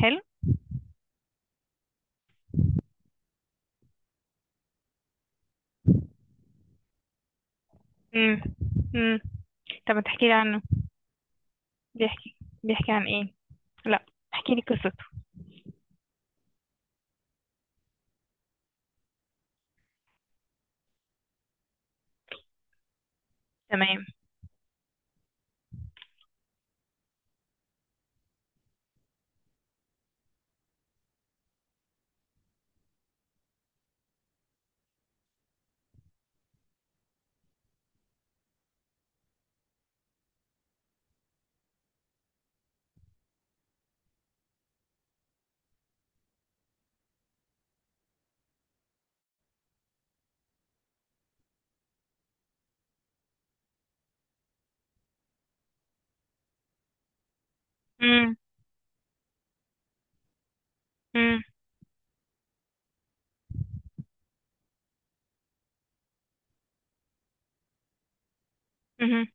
حلو. امم. امم. طب ما تحكي لي عنه؟ بيحكي بيحكي عن ايه؟ لا، احكي لي قصته. تمام. امم. امم. امم.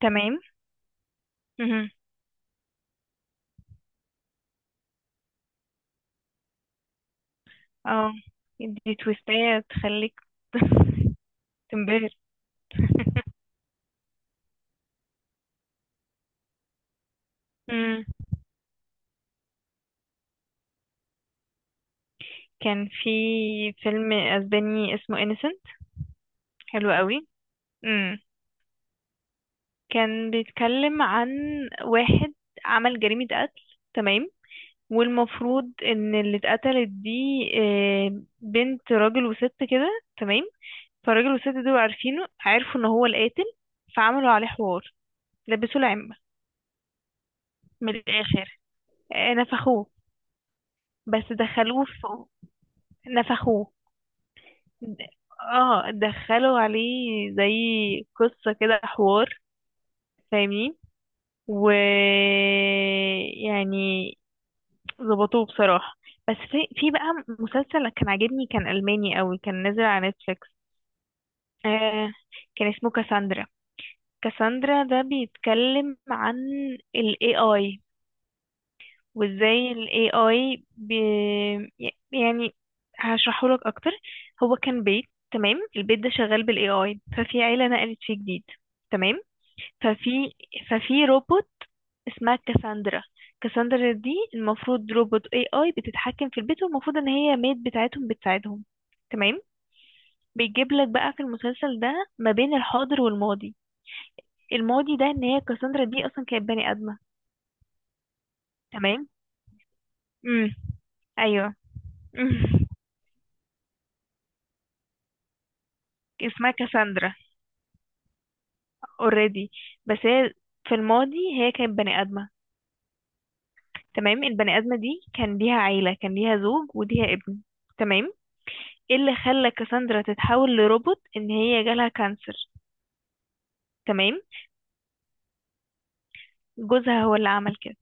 تمام. امم. اه، دي تويستاية تخليك تنبهر. امم. كان في فيلم اسباني اسمه انيسنت. حلو قوي. امم. كان بيتكلم عن واحد عمل جريمة قتل. تمام. والمفروض ان اللي اتقتلت دي بنت راجل وست كده. تمام. فالراجل والست دول عارفينه، عرفوا ان هو القاتل، فعملوا عليه حوار، لبسوه العمة. من الاخر، نفخوه. بس دخلوه في، نفخوه. اه، دخلوا عليه زي قصة كده حوار، فاهمين. و، يعني، ظبطوه بصراحة. بس في بقى مسلسل كان عاجبني، كان ألماني قوي، كان نازل على نتفليكس. آه، كان اسمه كاساندرا. كاساندرا ده بيتكلم عن ال AI وازاي ال AI يعني هشرحهولك اكتر. هو كان بيت، تمام، البيت ده شغال بال AI. ففي عيلة نقلت فيه جديد. تمام. ففي ففي روبوت اسمها كاساندرا. كاساندرا دي المفروض روبوت AI بتتحكم في البيت، والمفروض ان هي ميد بتاعتهم بتساعدهم. تمام. بيجيب لك بقى في المسلسل ده ما بين الحاضر والماضي. الماضي ده ان هي كاساندرا دي اصلا كانت بني ادمه. تمام. امم. ايوه. اسمها كاساندرا. اوريدي. بس هي في الماضي هي كانت بني آدمة. تمام. البني آدمة دي كان ليها عيلة، كان ليها زوج وليها ابن. تمام. ايه اللي خلى كاساندرا تتحول لروبوت؟ ان هي جالها كانسر. تمام. جوزها هو اللي عمل كده.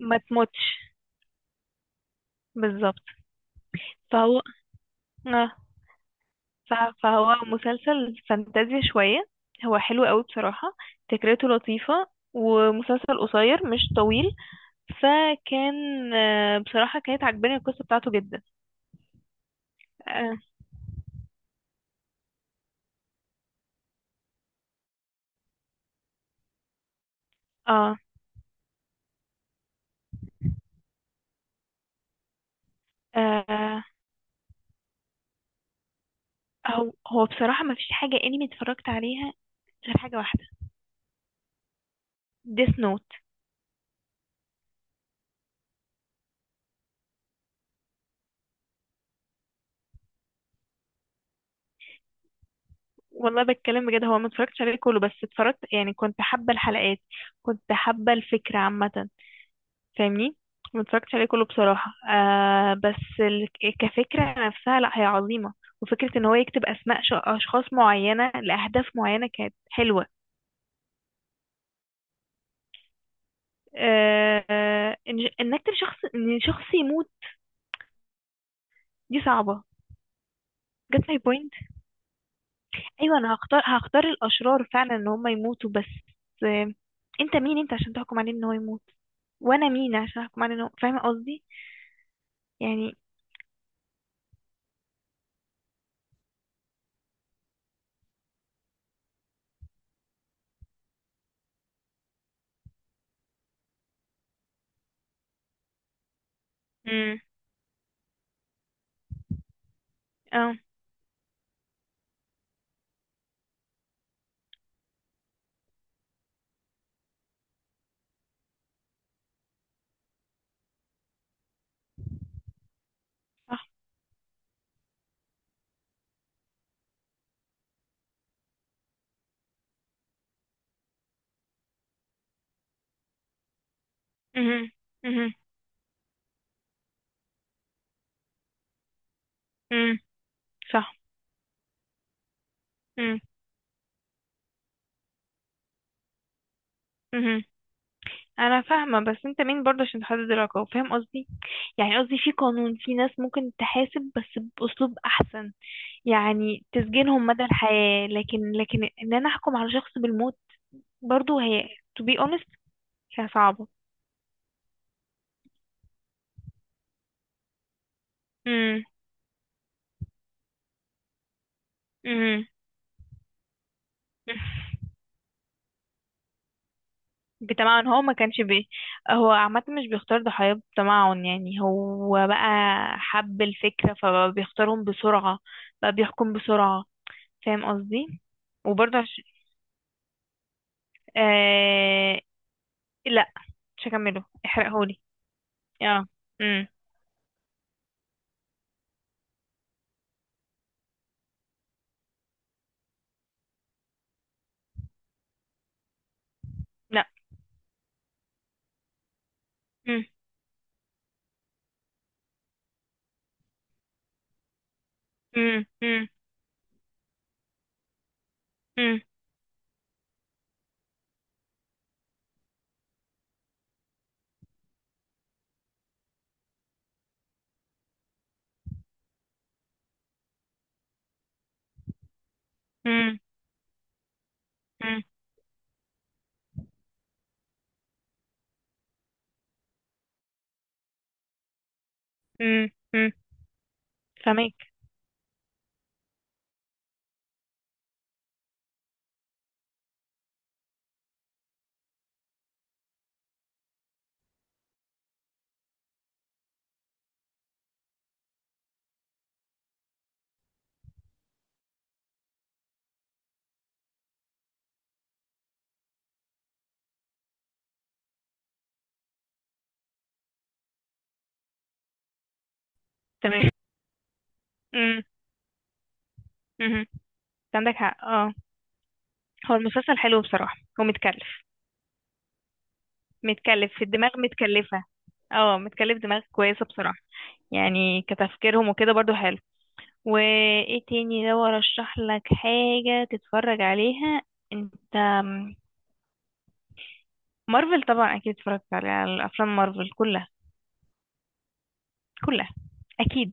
ما تموتش. بالظبط. فهو، اه، فهو مسلسل فانتازيا شوية. هو حلو قوي بصراحة، فكرته لطيفة، ومسلسل قصير مش طويل. فكان، بصراحة كانت عجباني القصة بتاعته جدا. آه. آه. آه، هو بصراحة ما فيش حاجة انمي اتفرجت عليها غير حاجة واحدة، ديس نوت. والله بتكلم بجد، هو ما اتفرجتش عليه كله بس اتفرجت، يعني كنت حابة الحلقات، كنت حابة الفكرة عامة، فاهمني. ما اتفرجتش عليه كله بصراحة، آه، كفكرة نفسها، لا هي عظيمة. وفكرة ان هو يكتب اسماء اشخاص معينة لاهداف معينة كانت حلوة. آه. آه، إن نكتب شخص، ان شخص يموت، دي صعبة. جت my point. ايوه، انا هختار، الاشرار فعلا ان هم يموتوا. بس آه، انت مين انت عشان تحكم عليه ان هو يموت؟ وانا مين عشان احكم عليه ان هو، فاهمه قصدي؟ يعني. امم. اه. صح. امم. امم. امم. صح. امم. امم. انا فاهمه، بس انت مين برضه عشان تحدد العقاب؟ فاهم قصدي؟ يعني قصدي في قانون، في ناس ممكن تحاسب بس باسلوب احسن. يعني تسجنهم مدى الحياه، لكن ان انا احكم على شخص بالموت، برضه هي، to be honest، هي صعبه. امم. بتمعن هو ما كانش هو عامة مش بيختار ضحايا بتمعن، يعني هو بقى حب الفكرة فبيختارهم بسرعة، بقى بيحكم بسرعة، فاهم قصدي؟ وبرضه آه... لا، مش هكمله، احرقهولي. اه. امم. لا. امم. امم. امم. امم. امم. امم. امم. امم. فاهمك. تمام. امم. امم. عندك حق، اه. هو المسلسل حلو بصراحة ومتكلف. متكلف في الدماغ، متكلفة. اه، متكلف دماغ كويسة بصراحة. يعني كتفكيرهم وكده برضو حلو. وايه تاني لو ارشح لك حاجة تتفرج عليها؟ انت م- مارفل طبعا اكيد اتفرجت على الافلام مارفل كلها. كلها. اكيد.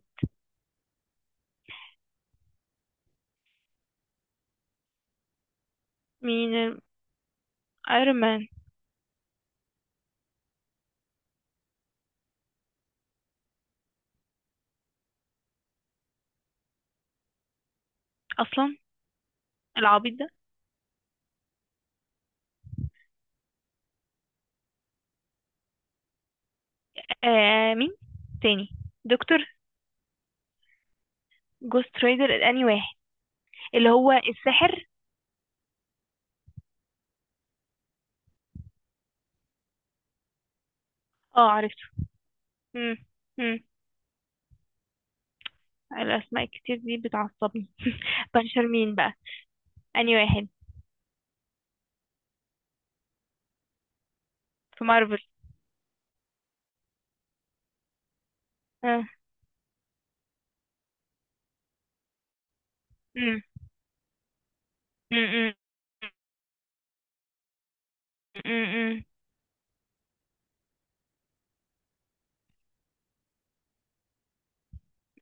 مين؟ ايرون مان. اصلا. العبيط ده. آه، مين تاني؟ دكتور. جوست رايدر الاني واحد، اللي هو الساحر. اه، عرفته. امم. امم، الاسماء الكتير دي بتعصبني. بنشر مين بقى؟ أنهي واحد؟ في مارفل. آه. مم. مم. مم. مم.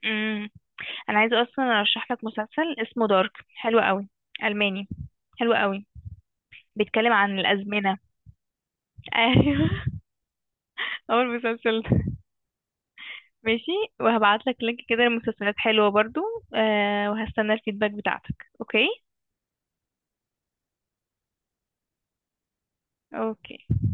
مم. أنا عايزة أصلا أرشح لك مسلسل اسمه دارك، حلو قوي، ألماني. حلو قوي. بيتكلم عن الأزمنة. أيوه. أول مسلسل ده. ماشي. وهبعت لك لينك كده لمسلسلات حلوة برضو. أه، وهستنى الفيدباك بتاعتك. أوكي. أوكي.